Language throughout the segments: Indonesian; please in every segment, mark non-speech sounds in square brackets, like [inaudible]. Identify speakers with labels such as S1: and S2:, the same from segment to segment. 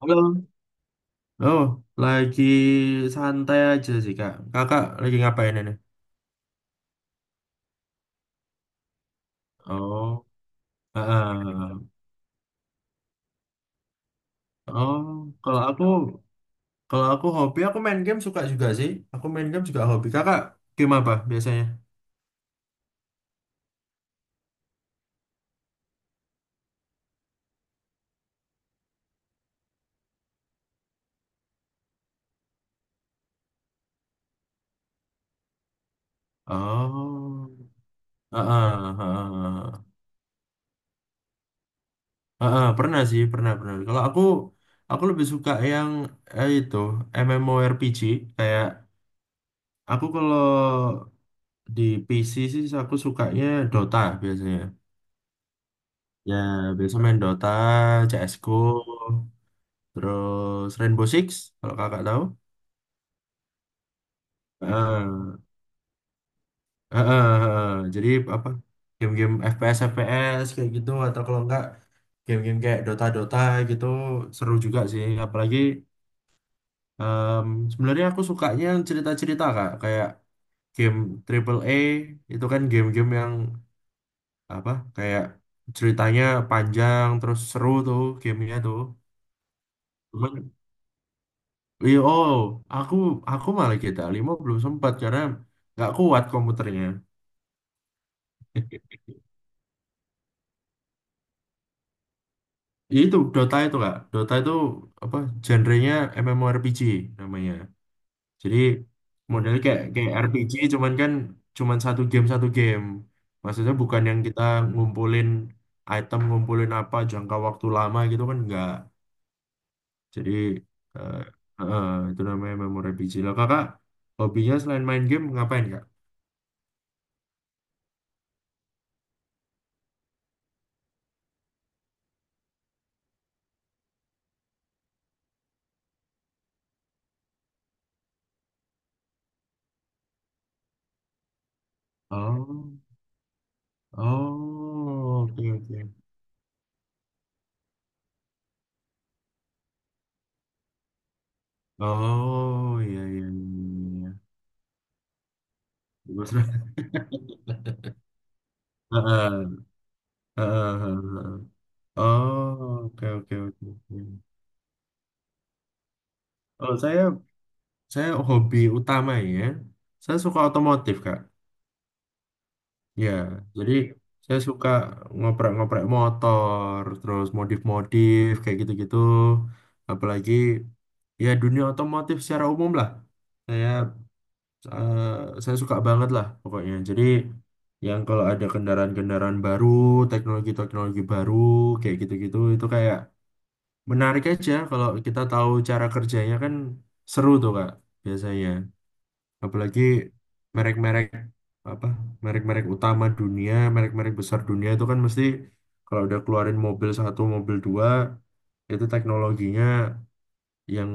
S1: Halo. Oh, lagi santai aja sih, Kak. Kakak lagi ngapain ini? Oh, ah. Oh, kalau aku kalau aku hobi aku main game suka juga sih. Aku main game juga hobi. Kakak game apa biasanya? Oh, ah, ah, ah, ah, ah, pernah sih, pernah pernah. Kalau aku lebih suka yang itu MMORPG, kayak aku kalau di PC sih aku sukanya Dota biasanya. Ya, biasa main Dota, CSGO, terus Rainbow Six, kalau kakak tahu. Eh, eh, eh, eh. Jadi apa, game-game FPS, FPS kayak gitu, atau kalau enggak game-game kayak Dota, Dota gitu, seru juga sih. Apalagi sebenarnya aku sukanya cerita-cerita, kak, kayak game Triple A itu kan game-game yang apa, kayak ceritanya panjang, terus seru tuh gamenya tuh. Iya, oh, aku aku malah GTA 5 belum sempat karena nggak kuat komputernya. Ya itu Dota itu kak, Dota itu apa genrenya MMORPG namanya. Jadi modelnya kayak kayak RPG, cuman kan cuman satu game satu game. Maksudnya bukan yang kita ngumpulin item, ngumpulin apa jangka waktu lama gitu kan, nggak. Jadi eh eh, itu namanya MMORPG. Lah kakak hobinya selain main game ngapain, kak? Oh. Oh, oke, oke. Oh, iya, iya, iya, iya. Bagus banget. [laughs] Heeh, heeh, heeh. Oh, oke, oke, oke, oke. Oh, saya hobi utama, ya. Saya suka otomotif, Kak. Ya, jadi saya suka ngoprek-ngoprek motor, terus modif-modif kayak gitu-gitu. Apalagi ya dunia otomotif secara umum lah. Saya saya suka banget lah pokoknya. Jadi yang kalau ada kendaraan-kendaraan baru, teknologi-teknologi baru, kayak gitu-gitu, itu kayak menarik aja kalau kita tahu cara kerjanya, kan seru tuh Kak, biasanya. Apalagi merek-merek apa, merek-merek utama dunia, merek-merek besar dunia itu kan mesti kalau udah keluarin mobil satu, mobil dua, itu teknologinya yang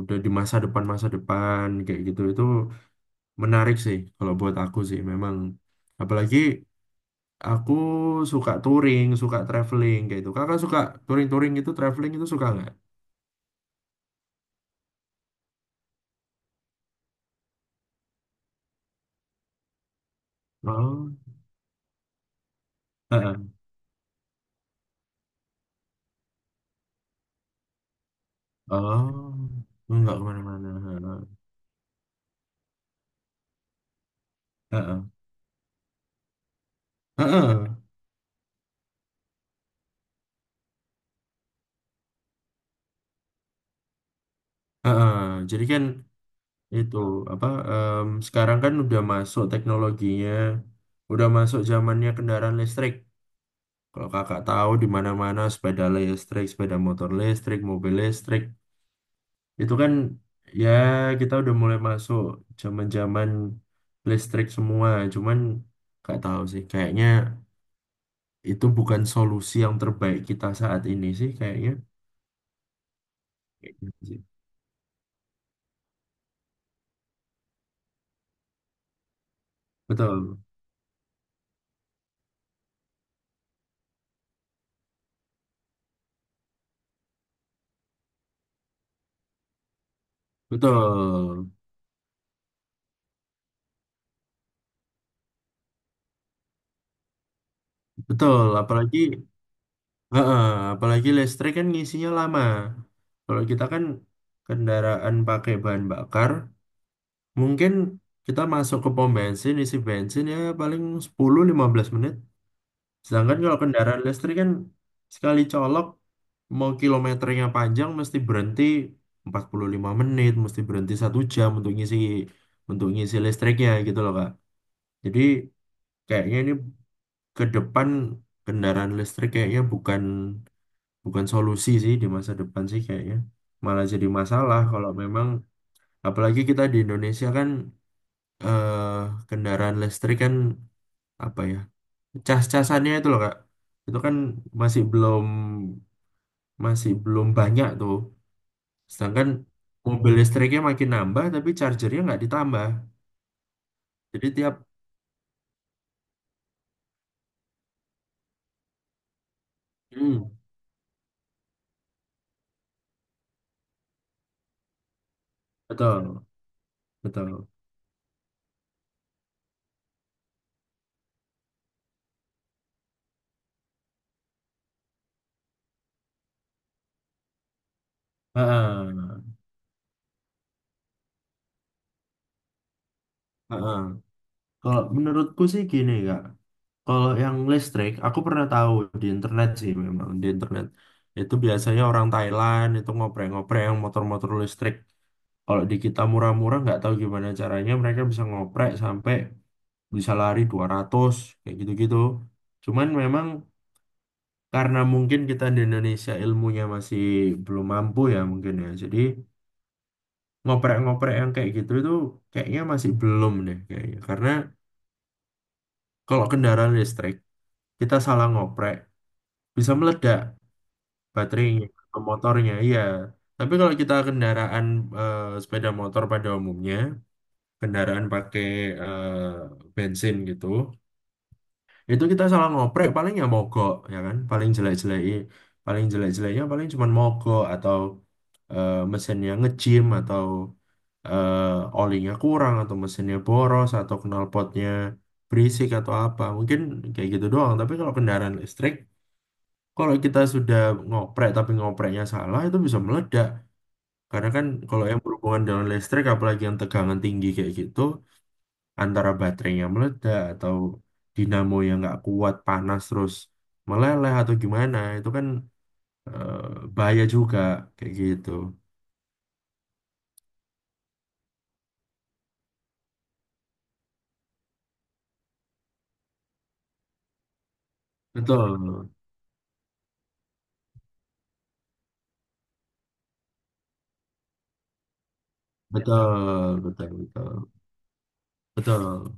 S1: udah di masa depan kayak gitu itu menarik sih kalau buat aku sih, memang. Apalagi aku suka touring, suka traveling kayak gitu. Kakak suka touring-touring itu, traveling itu suka, nggak? Oh, heeh. Oh, nggak kemana-mana. Heeh. Heeh. Heeh. Jadi kan itu apa? Sekarang kan udah masuk teknologinya, udah masuk zamannya kendaraan listrik. Kalau kakak tahu di mana-mana sepeda listrik, sepeda motor listrik, mobil listrik. Itu kan ya kita udah mulai masuk zaman-zaman listrik semua. Cuman nggak tahu sih, kayaknya itu bukan solusi yang terbaik kita saat ini sih, kayaknya. Kayak gitu sih. Betul, betul, betul. Apalagi, heeh, apalagi listrik kan ngisinya lama. Kalau kita kan kendaraan pakai bahan bakar, mungkin kita masuk ke pom bensin, isi bensin ya paling 10-15 menit. Sedangkan kalau kendaraan listrik kan sekali colok mau kilometernya panjang mesti berhenti 45 menit, mesti berhenti satu jam untuk ngisi listriknya gitu loh, Kak. Jadi kayaknya ini ke depan kendaraan listrik kayaknya bukan bukan solusi sih di masa depan sih, kayaknya. Malah jadi masalah kalau memang apalagi kita di Indonesia kan, kendaraan listrik kan apa ya? Cas-casannya itu loh, Kak. Itu kan masih belum masih belum banyak tuh. Sedangkan mobil listriknya makin nambah, tapi chargernya nggak ditambah. Jadi tiap, hmm, betul, betul. Heeh, heeh. Kalau menurutku sih gini kak, kalau yang listrik, aku pernah tahu di internet sih, memang di internet. Itu biasanya orang Thailand itu ngoprek-ngoprek yang motor-motor listrik. Kalau di kita murah-murah nggak tahu gimana caranya mereka bisa ngoprek sampai bisa lari 200 kayak gitu-gitu. Cuman memang karena mungkin kita di Indonesia ilmunya masih belum mampu ya mungkin ya, jadi ngoprek-ngoprek yang kayak gitu itu kayaknya masih belum deh kayaknya, karena kalau kendaraan listrik kita salah ngoprek bisa meledak baterainya atau motornya, iya. Tapi kalau kita kendaraan, sepeda motor pada umumnya, kendaraan pakai bensin gitu, itu kita salah ngoprek paling ya mogok, ya kan, paling jelek-jeleki, paling jelek-jeleknya paling cuman mogok atau mesinnya ngejim atau olinya kurang atau mesinnya boros atau knalpotnya berisik atau apa, mungkin kayak gitu doang. Tapi kalau kendaraan listrik kalau kita sudah ngoprek tapi ngopreknya salah itu bisa meledak, karena kan kalau yang berhubungan dengan listrik apalagi yang tegangan tinggi kayak gitu, antara baterainya meledak atau dinamo yang nggak kuat panas terus meleleh atau gimana, itu kan bahaya juga kayak gitu. Betul, betul, betul, betul, betul.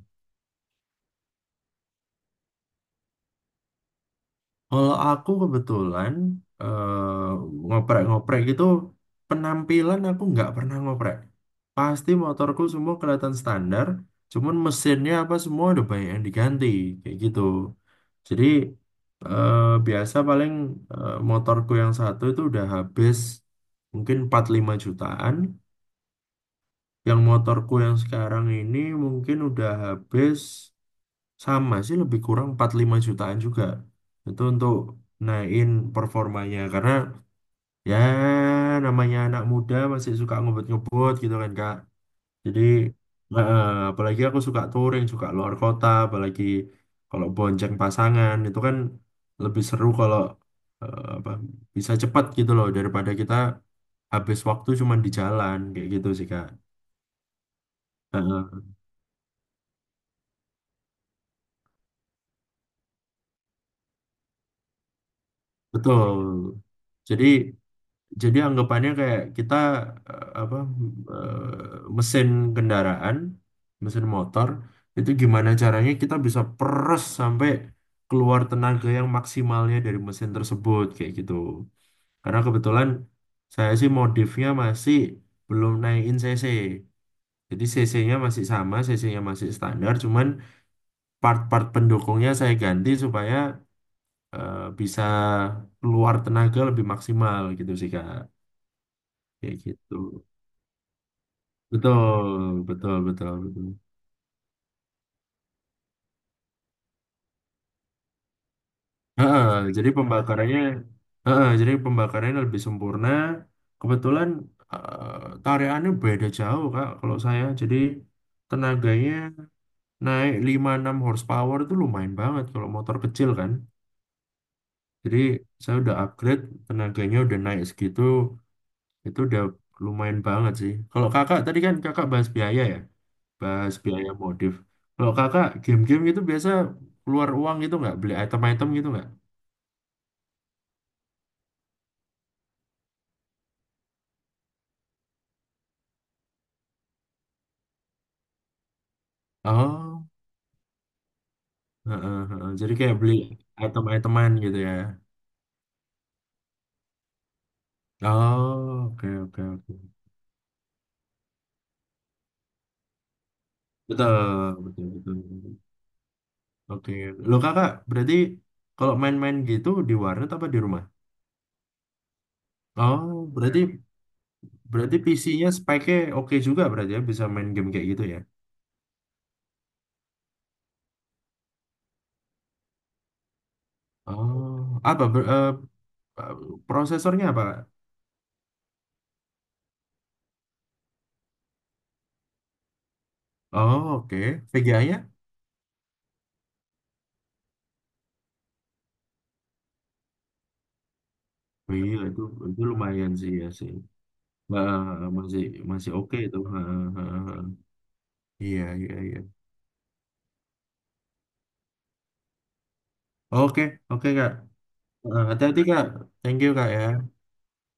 S1: Kalau aku kebetulan ngoprek-ngoprek gitu, penampilan aku nggak pernah ngoprek. Pasti motorku semua kelihatan standar, cuman mesinnya apa semua udah banyak yang diganti kayak gitu. Jadi eh, biasa paling motorku yang satu itu udah habis mungkin 45 jutaan. Yang motorku yang sekarang ini mungkin udah habis, sama sih lebih kurang 45 jutaan juga. Itu untuk naikin performanya, karena ya namanya anak muda masih suka ngebut-ngebut gitu kan, Kak. Jadi eh, apalagi aku suka touring, suka luar kota, apalagi kalau bonceng pasangan itu kan lebih seru kalau apa, bisa cepat gitu loh, daripada kita habis waktu cuman di jalan kayak gitu sih, Kak. Eh, betul. Jadi Jadi anggapannya kayak kita apa eh, mesin kendaraan, mesin motor itu gimana caranya kita bisa peres sampai keluar tenaga yang maksimalnya dari mesin tersebut kayak gitu. Karena kebetulan saya sih modifnya masih belum naikin CC. Jadi CC-nya masih sama, CC-nya masih standar, cuman part-part pendukungnya saya ganti supaya bisa keluar tenaga lebih maksimal gitu sih, Kak. Kayak gitu. Betul, betul, betul, betul. Heeh, jadi pembakarannya, heeh, jadi pembakarannya lebih sempurna. Kebetulan tarikannya beda jauh, Kak, kalau saya. Jadi tenaganya naik 5-6 horsepower, itu lumayan banget kalau motor kecil kan. Jadi saya udah upgrade, tenaganya udah naik segitu, itu udah lumayan banget sih. Kalau kakak, tadi kan kakak bahas biaya ya, bahas biaya modif. Kalau kakak game-game itu biasa keluar uang gitu nggak? Beli item-item gitu nggak? Oh, heeh, heeh. Jadi kayak beli item-iteman gitu ya. Oh, oke, oke, oke. Betul, betul, betul, betul. Oke. Lo kakak, berarti kalau main-main gitu di warnet apa di rumah? Oh, berarti berarti PC-nya speknya oke juga berarti, ya bisa main game kayak gitu ya. Oh, prosesornya apa? Oh, oke. VGA-nya? Wih, itu lumayan sih ya sih. Nah, masih masih oke itu. Ha, ha, ha. Iya, iya, iya. Oke, oke Kak. Eh, hati-hati Kak. Thank you Kak ya.